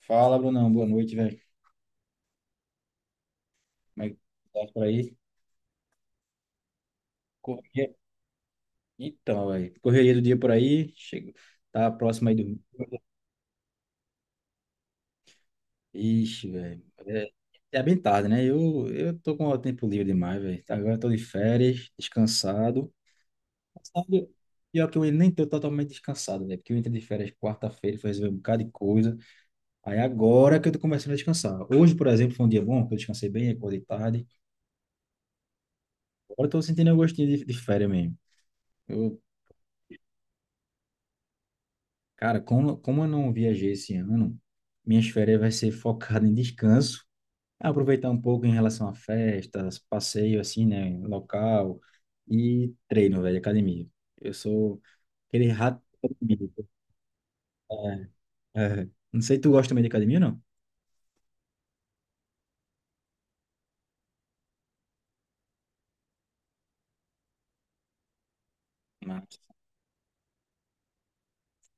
Fala, Brunão. Boa noite, velho. Como é que tá por aí? Correria. Então, velho. Correria do dia por aí. Chego. Tá próximo aí do. Ixi, velho. É bem tarde, né? Eu tô com o tempo livre demais, velho. Agora eu tô de férias, descansado. Sabe? Pior que eu nem tô totalmente descansado, velho. Porque eu entrei de férias quarta-feira, fui resolver um bocado de coisa. Aí agora que eu tô começando a descansar. Hoje, por exemplo, foi um dia bom, que eu descansei bem, acordei tarde. Agora eu tô sentindo o gostinho de férias mesmo. Eu. Cara, como eu não viajei esse ano, minhas férias vai ser focada em descanso, aproveitar um pouco em relação a festas, passeio assim, né, local e treino, velho, academia. Eu sou aquele rato de academia. É. Não sei, tu gosta também de academia, não? Mas,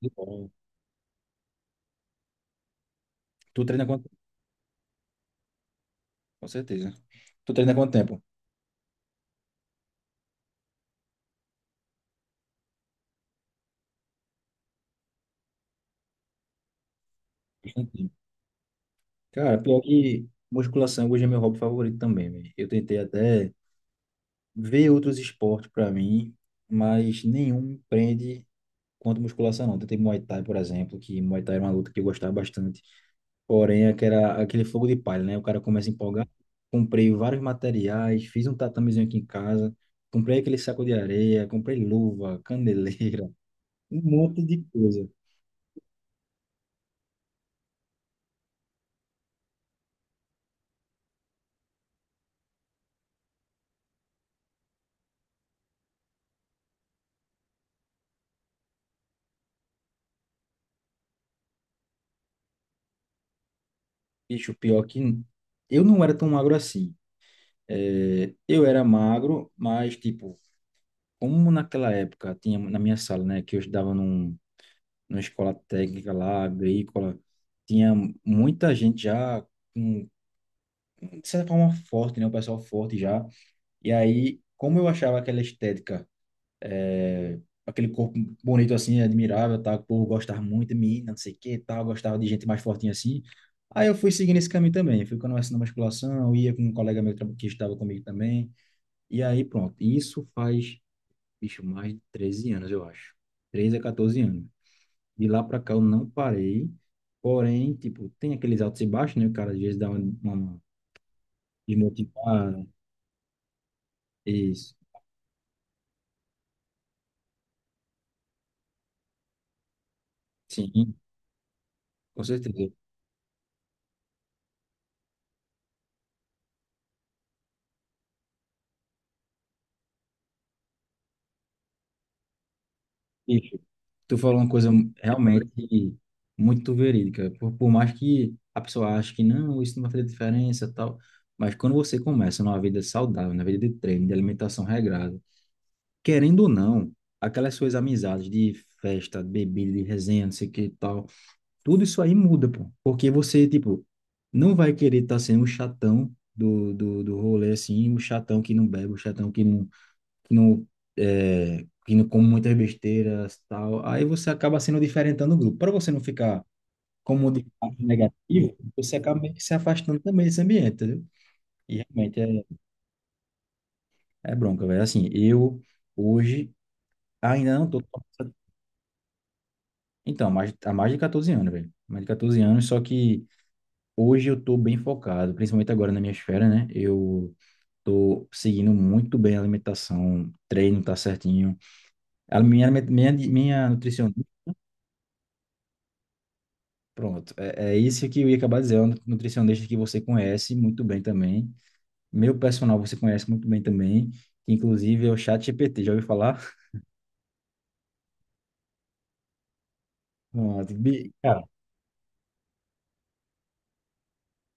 que bom. Tu treina quanto tempo? Com certeza. Tu treina quanto tempo? Bastante tempo. Cara, pior que musculação hoje é meu hobby favorito também, velho. Eu tentei até ver outros esportes para mim, mas nenhum me prende quanto musculação, não. Tentei Muay Thai, por exemplo, que Muay Thai era uma luta que eu gostava bastante. Porém, é que era aquele fogo de palha, né? O cara começa a empolgar. Comprei vários materiais, fiz um tatamezinho aqui em casa, comprei aquele saco de areia, comprei luva, candeleira, um monte de coisa. Bicho, pior que eu não era tão magro assim. É, eu era magro, mas, tipo, como naquela época tinha na minha sala, né, que eu estudava numa escola técnica lá, agrícola. Tinha muita gente já, com, de certa forma, forte, né? O pessoal forte já. E aí, como eu achava aquela estética, é, aquele corpo bonito assim, admirável, tá. O povo gostava muito de mim, não sei o que, tal. Gostava de gente mais fortinha assim. Aí eu fui seguindo esse caminho também. Fui conversando na musculação, ia com um colega meu que estava comigo também. E aí, pronto. Isso faz, bicho, mais de 13 anos, eu acho. Treze a 14 anos. De lá pra cá eu não parei. Porém, tipo, tem aqueles altos e baixos, né? O cara às vezes dá uma desmotivada. Isso. Sim, com certeza. Bicho, tu falou uma coisa realmente muito verídica. Por mais que a pessoa ache que não, isso não vai fazer diferença, tal. Mas quando você começa numa vida saudável, na vida de treino, de alimentação regrada, querendo ou não, aquelas suas amizades de festa, de bebida, de resenha, não sei o que e tal, tudo isso aí muda, pô. Porque você, tipo, não vai querer estar sendo o chatão do rolê, assim, o chatão que não bebe, o chatão que não, que não come muitas besteiras, tal. Aí você acaba sendo diferentando o grupo. Para você não ficar como um de fato negativo, você acaba meio que se afastando também desse ambiente, entendeu? E realmente é, é bronca, velho. Assim, eu hoje ainda não tô... Então, mais, há mais de 14 anos, velho. Mais de 14 anos, só que hoje eu tô bem focado, principalmente agora na minha esfera, né? Eu tô seguindo muito bem a alimentação, treino tá certinho. A minha, aliment-, minha nutricionista, pronto, é isso que eu ia acabar dizendo, é uma nutricionista que você conhece muito bem também. Meu personal você conhece muito bem também, que inclusive é o ChatGPT, já ouviu falar? Pronto. Bi-.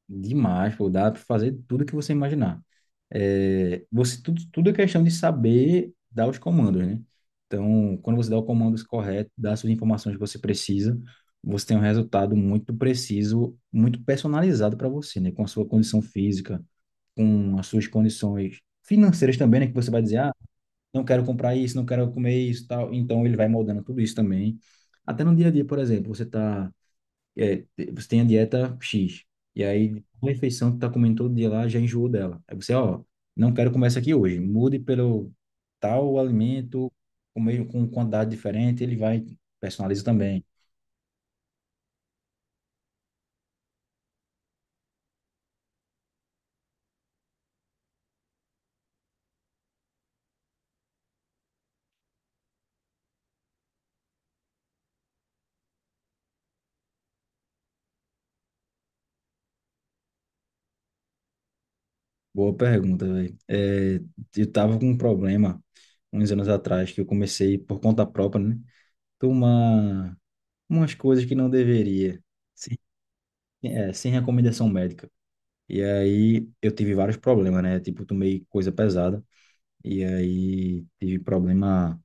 Demais, pô, dá para fazer tudo que você imaginar. É, você tudo, tudo é questão de saber dar os comandos, né? Então, quando você dá o comando correto, dá as suas informações que você precisa, você tem um resultado muito preciso, muito personalizado para você, né? Com a sua condição física, com as suas condições financeiras também, né? Que você vai dizer, ah, não quero comprar isso, não quero comer isso, tal. Então, ele vai moldando tudo isso também. Até no dia a dia, por exemplo, você está é, você tem a dieta X, e aí uma refeição que tá comendo todo dia lá já enjoou dela. Aí você, ó, não quero comer essa aqui hoje, mude pelo tal alimento, com meio com quantidade diferente, ele vai, personaliza também. Boa pergunta, velho. Eu tava com um problema uns anos atrás, que eu comecei por conta própria, né? Tomar umas coisas que não deveria, sem, sem recomendação médica. E aí eu tive vários problemas, né? Tipo, tomei coisa pesada. E aí tive problema,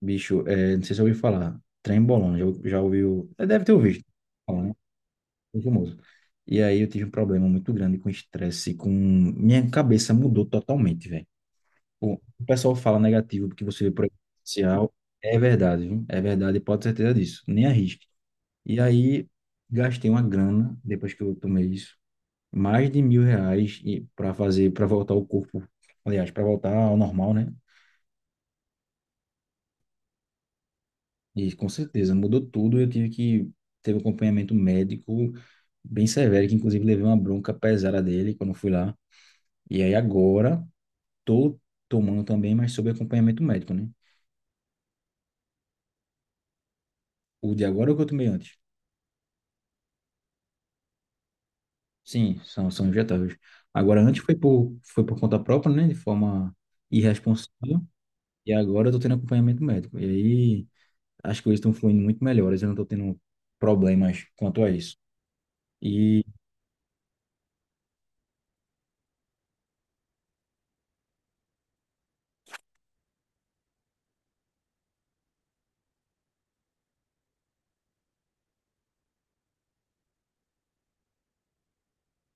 bicho, não sei se eu ouviu falar, trembolona, já ouviu, é, deve ter ouvido, falar, né? É famoso. E aí eu tive um problema muito grande com estresse, com... Minha cabeça mudou totalmente, velho. O o pessoal fala negativo porque você vê por aí no social, é verdade, viu? É verdade, pode ter certeza disso, nem arrisque. E aí gastei uma grana, depois que eu tomei isso, mais de R$ 1.000 e para fazer, para voltar o corpo, aliás, para voltar ao normal, né? E com certeza, mudou tudo. Eu tive que ter um acompanhamento médico bem severo, que inclusive levei uma bronca pesada dele quando fui lá. E aí agora tô tomando também, mas sob acompanhamento médico, né? O de agora é o que eu tomei antes. Sim, são injetáveis. Agora antes foi por conta própria, né? De forma irresponsável. E agora eu tô tendo acompanhamento médico. E aí as coisas estão fluindo muito melhores. Eu não tô tendo problemas quanto a isso. E.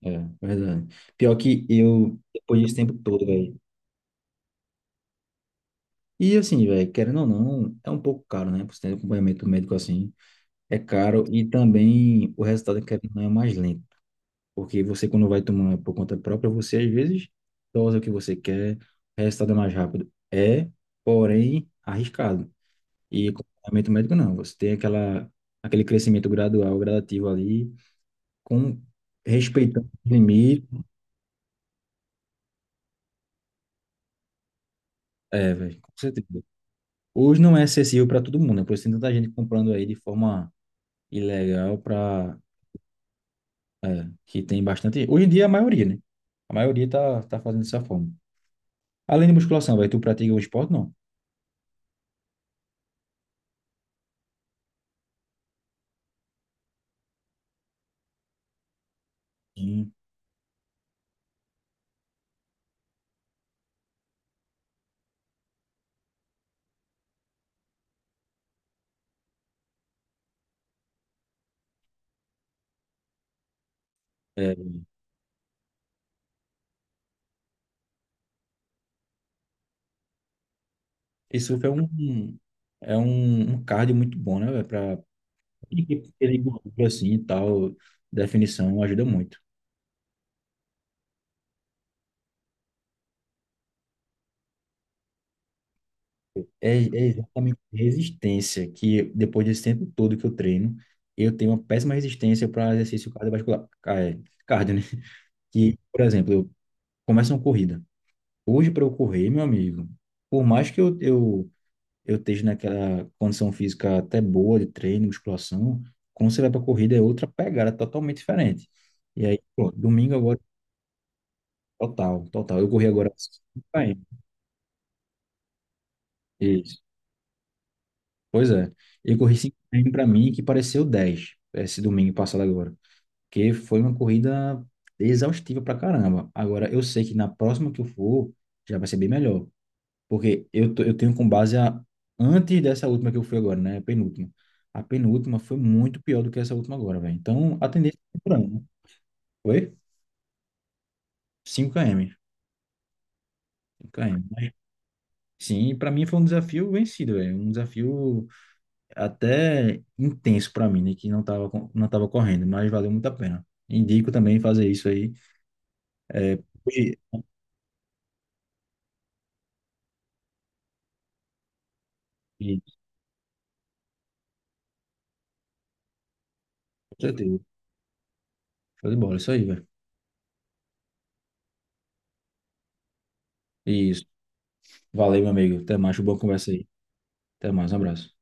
É, verdade. Pior que eu, depois desse tempo todo, velho. E assim, velho, querendo ou não, é um pouco caro, né? Por você ter acompanhamento médico assim, é caro e também o resultado, querendo ou não, é mais lento. Porque você, quando vai tomando por conta própria, você às vezes dosa o que você quer, o resultado é mais rápido. É, porém, arriscado. E acompanhamento médico não. Você tem aquela, aquele crescimento gradual, gradativo ali, com respeitando os limites. É, velho, com certeza. Hoje não é acessível para todo mundo, né? Por isso tem tanta gente comprando aí de forma ilegal para que tem bastante. Hoje em dia a maioria, né? A maioria tá fazendo dessa forma. Além de musculação, vai, tu pratica um esporte? Não. Sim. É, e surf é um é um cardio muito bom, né, velho? Para ele gordura assim e tal, definição ajuda muito. É, é exatamente resistência que depois desse tempo todo que eu treino, eu tenho uma péssima resistência para exercício cardiovascular, ca-, é, cardio, né? Que, por exemplo, eu começo uma corrida. Hoje, para eu correr, meu amigo, por mais que eu esteja naquela condição física até boa de treino, musculação, quando você vai para corrida é outra pegada totalmente diferente. E aí, pô, domingo agora, total, total. Eu corri agora 5 km. Isso. Pois é. Eu corri 5 km para mim, que pareceu 10 esse domingo passado agora. Porque foi uma corrida exaustiva pra caramba. Agora, eu sei que na próxima que eu for, já vai ser bem melhor. Porque eu, tô-, eu tenho com base a antes dessa última que eu fui agora, né? A penúltima. A penúltima foi muito pior do que essa última agora, velho. Então, a tendência é por ano, né? Foi? 5 km. 5 km. Mas, sim, para mim foi um desafio vencido, velho. Um desafio até intenso para mim, né? Que não tava, co-, não tava correndo, mas valeu muito a pena. Indico também fazer isso aí. E, e, com certeza. Show de bola, isso aí, velho. Isso. Valeu, meu amigo. Até mais. Foi uma boa conversa aí. Até mais. Um abraço.